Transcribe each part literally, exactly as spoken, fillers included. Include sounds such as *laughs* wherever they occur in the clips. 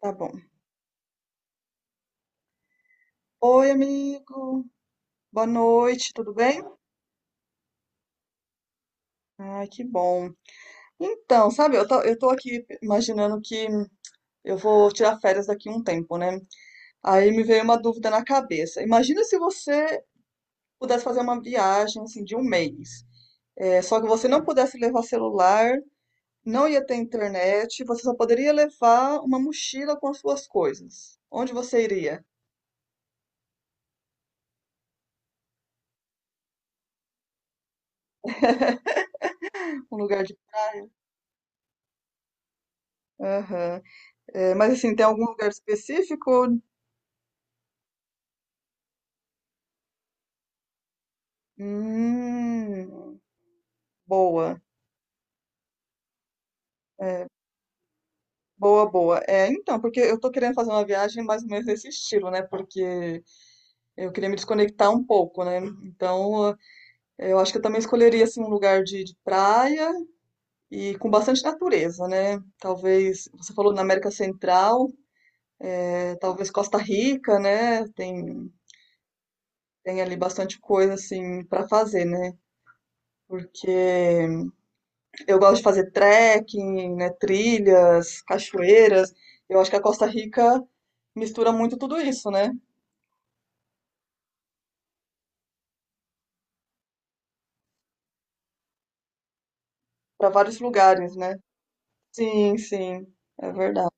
Tá bom. Oi, amigo. Boa noite, tudo bem? Ai, que bom. Então, sabe, eu tô, eu tô aqui imaginando que eu vou tirar férias daqui um tempo, né? Aí me veio uma dúvida na cabeça. Imagina se você pudesse fazer uma viagem, assim, de um mês. É, só que você não pudesse levar celular, não ia ter internet, você só poderia levar uma mochila com as suas coisas. Onde você iria? Um lugar de... Aham. É, mas assim, tem algum lugar específico? Hum, boa, é, boa, boa. É, então, porque eu tô querendo fazer uma viagem mais ou menos nesse estilo, né? Porque eu queria me desconectar um pouco, né? Então, eh, eu acho que eu também escolheria assim um lugar de, de praia e com bastante natureza, né? Talvez, você falou na América Central, eh, talvez Costa Rica, né? Tem tem ali bastante coisa assim para fazer, né? Porque eu gosto de fazer trekking, né, trilhas, cachoeiras. Eu acho que a Costa Rica mistura muito tudo isso, né? Para vários lugares, né? Sim, sim, é verdade.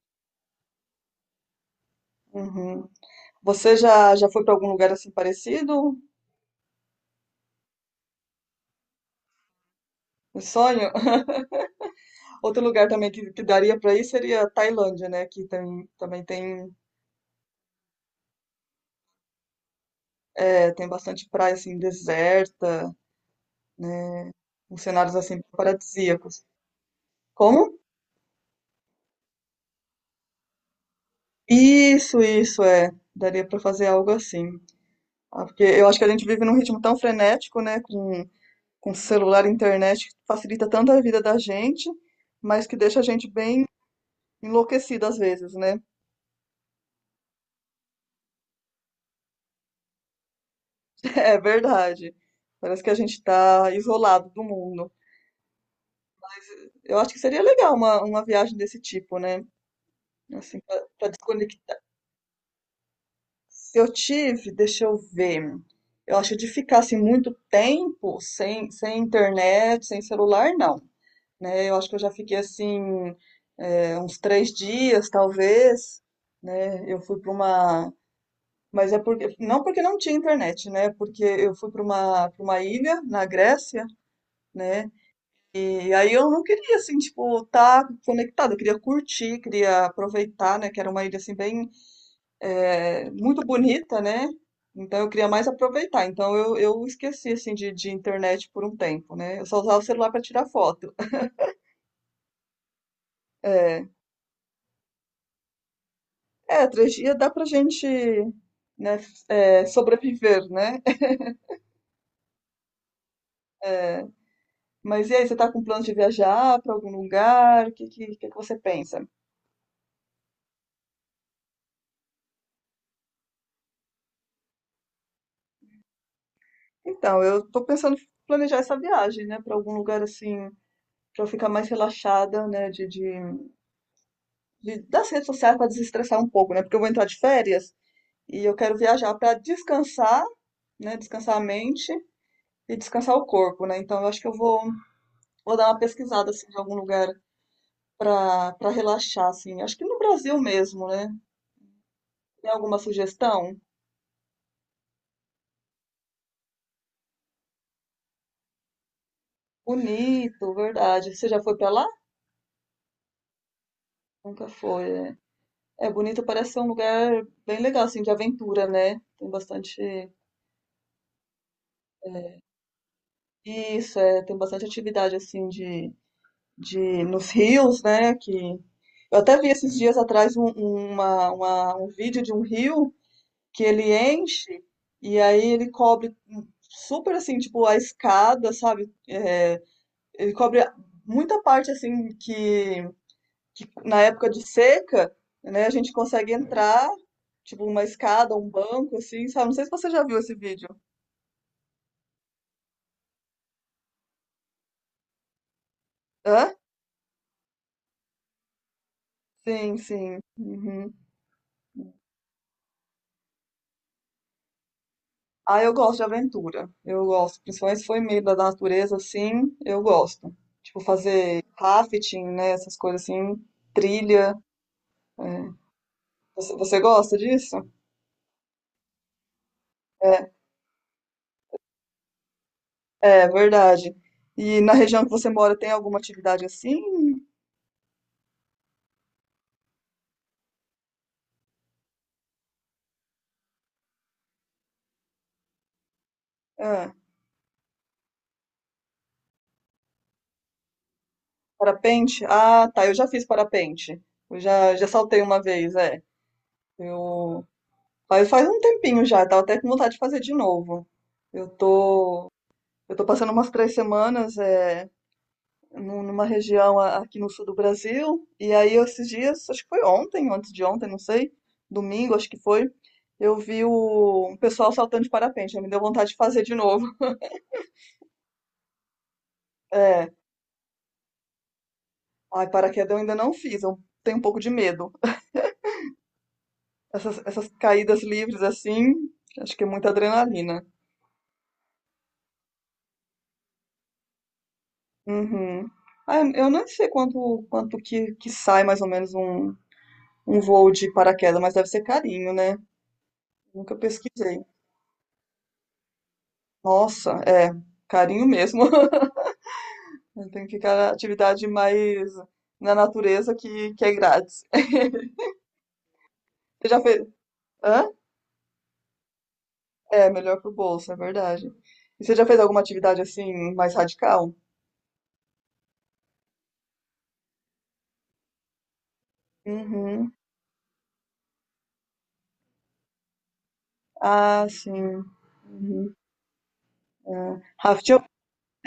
Uhum. Você já, já foi para algum lugar assim parecido? Um sonho? *laughs* Outro lugar também que, que daria para ir seria a Tailândia, né? Que tem, também tem, é, tem bastante praia assim deserta, né? Com cenários assim paradisíacos. Como? Isso, isso é. Daria para fazer algo assim. Ah, porque eu acho que a gente vive num ritmo tão frenético, né, com, com celular e internet, que facilita tanto a vida da gente, mas que deixa a gente bem enlouquecida às vezes, né? *laughs* É verdade. Parece que a gente tá isolado do mundo. Eu acho que seria legal uma, uma viagem desse tipo, né? Assim, pra, pra desconectar. Eu tive, deixa eu ver. Eu acho que de ficar assim muito tempo sem, sem internet, sem celular, não, né? Eu acho que eu já fiquei assim, é, uns três dias, talvez, né? Eu fui para uma. Mas é porque. Não porque não tinha internet, né? Porque eu fui para uma, para uma ilha na Grécia, né? E aí eu não queria, assim, tipo, estar conectada. Eu queria curtir, queria aproveitar, né? Que era uma ilha, assim, bem. é, muito bonita, né? Então eu queria mais aproveitar. Então eu, eu esqueci, assim, de, de internet por um tempo, né? Eu só usava o celular para tirar foto. É, É, três dias dá pra gente, né, é, sobreviver, né? *laughs* É, mas e aí, você tá com plano de viajar pra algum lugar? O que, que, que que você pensa? Então, eu tô pensando em planejar essa viagem, né, pra algum lugar assim, pra eu ficar mais relaxada, né, de, de, de- das redes sociais pra desestressar um pouco, né? Porque eu vou entrar de férias e eu quero viajar pra descansar, né, descansar a mente e descansar o corpo, né? Então, eu acho que eu vou, vou dar uma pesquisada assim, de algum lugar para para relaxar, assim. Acho que no Brasil mesmo, né? Tem alguma sugestão? Bonito, verdade. Você já foi para lá? Nunca foi, né? É, Bonito parece ser um lugar bem legal, assim, de aventura, né? Tem bastante. Isso, é, tem bastante atividade, assim, de, de nos rios, né? Que... Eu até vi esses dias atrás um, um, uma, uma- um vídeo de um rio que ele enche e aí ele cobre super, assim, tipo, a escada, sabe? É, ele cobre muita parte assim que, que na época de seca, né, a gente consegue entrar, tipo uma escada, um banco, assim, sabe? Não sei se você já viu esse vídeo. Hã? Sim, sim. Uhum. Ah, eu gosto de aventura. Eu gosto. Principalmente se for em meio da natureza, assim, eu gosto. Tipo, fazer rafting, né? Essas coisas assim, trilha. é. Você, você gosta disso? É, é verdade. E na região que você mora tem alguma atividade assim? Ah. Parapente? Ah, tá. Eu já fiz parapente. Eu já, já saltei uma vez, é. Eu faz, faz um tempinho já, tava até com vontade de fazer de novo. Eu tô, eu tô passando umas três semanas é, num- numa região a- aqui no sul do Brasil, e aí esses dias, acho que foi ontem, ou antes de ontem, não sei, domingo, acho que foi, eu vi o um pessoal saltando de parapente, aí me deu vontade de fazer de novo. É, ai, paraquedas eu ainda não fiz, eu tenho um pouco de medo. Essas, essas caídas livres assim, acho que é muita adrenalina. Uhum. Ah, eu eu não sei quanto, quanto que, que sai mais ou menos um, um voo de paraquedas, mas deve ser carinho, né? Nunca pesquisei. Nossa, é, carinho mesmo. *laughs* Tem que ficar na atividade mais na natureza que, que é grátis. *laughs* Você já fez. Hã? É, melhor pro bolso, é verdade. E você já fez alguma atividade assim mais radical? Uhum. Ah, sim. Uhum. É.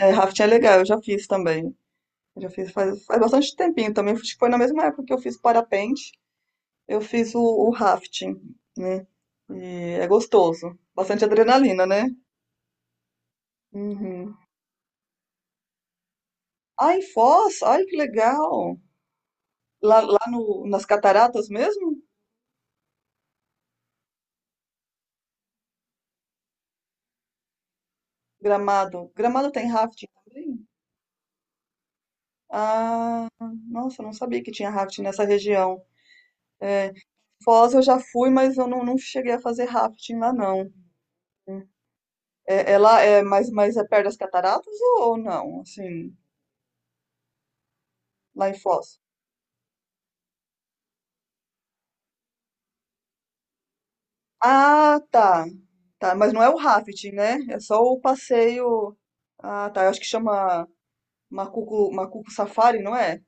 É, rafting é legal, eu já fiz também. Eu já fiz faz, faz bastante tempinho também. Acho que foi na mesma época que eu fiz parapente, eu fiz o, o rafting, né? E é gostoso. Bastante adrenalina, né? Uhum. Ah, em Foz, ai que legal. Lá, lá no, nas cataratas mesmo? Gramado. Gramado tem rafting também? Ah, nossa, eu não sabia que tinha rafting nessa região. Foz eu já fui, mas eu não, não cheguei a fazer rafting lá, não. É, é lá é mas, mas é perto das cataratas ou, ou não? Assim, lá em Foz. Ah, tá. Tá, mas não é o rafting, né? É só o passeio. Ah, tá. Eu acho que chama Macuco, Macuco Safari, não é?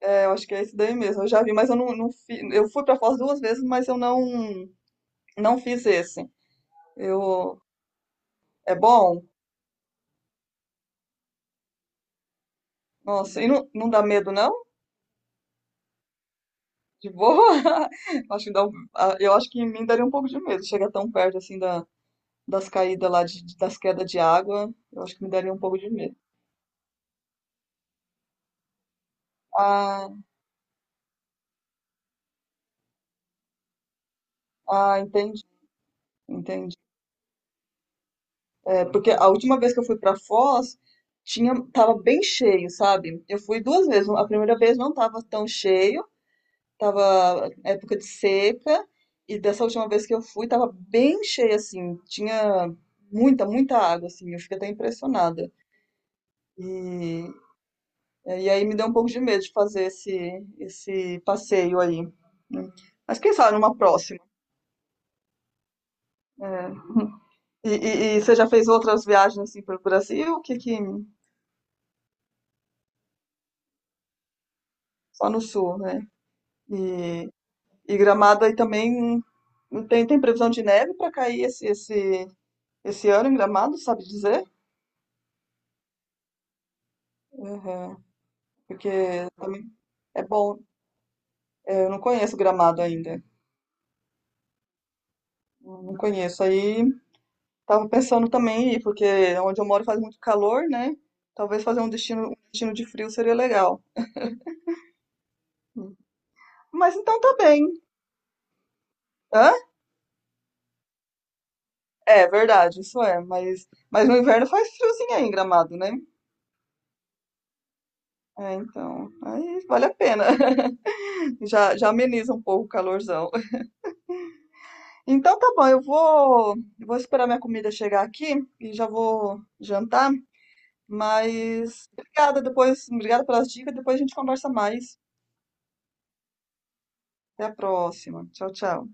É, eu acho que é esse daí mesmo. Eu já vi, mas eu não, não fiz. Eu fui pra Foz duas vezes, mas eu não não fiz esse. Eu é bom. Nossa, e não, não dá medo não? De boa? *laughs* Acho que dá um- ah, Eu acho que em mim daria um pouco de medo chegar tão perto assim da das caídas lá, de, das quedas de água, eu acho que me daria um pouco de medo. Ah, ah, entendi, entendi. É, porque a última vez que eu fui pra Foz, tinha, tava bem cheio, sabe? Eu fui duas vezes. A primeira vez não tava tão cheio, tava época de seca, e dessa última vez que eu fui, tava bem cheio, assim. Tinha muita, muita água, assim. Eu fiquei até impressionada. E, e aí me deu um pouco de medo de fazer esse, esse passeio aí, né? Mas quem sabe numa próxima. É. E, e- e você já fez outras viagens assim para o Brasil? Que, que só no sul, né? E, e Gramado aí também tem, tem previsão de neve para cair esse, esse, esse ano em Gramado, sabe dizer? Uhum. Porque é bom, é, eu não conheço Gramado ainda. Não conheço. Aí tava pensando também em ir, porque onde eu moro faz muito calor, né? Talvez fazer um destino, um destino de frio seria legal. Mas então tá bem. Hã? É verdade, isso é. Mas, mas no inverno faz friozinho aí em Gramado, né? É, então, aí vale a pena. *laughs* Já, já ameniza um pouco o calorzão. Então tá bom, eu vou, eu vou esperar minha comida chegar aqui e já vou jantar. Mas obrigada depois, obrigada pelas dicas. Depois a gente conversa mais. Até a próxima. Tchau, tchau.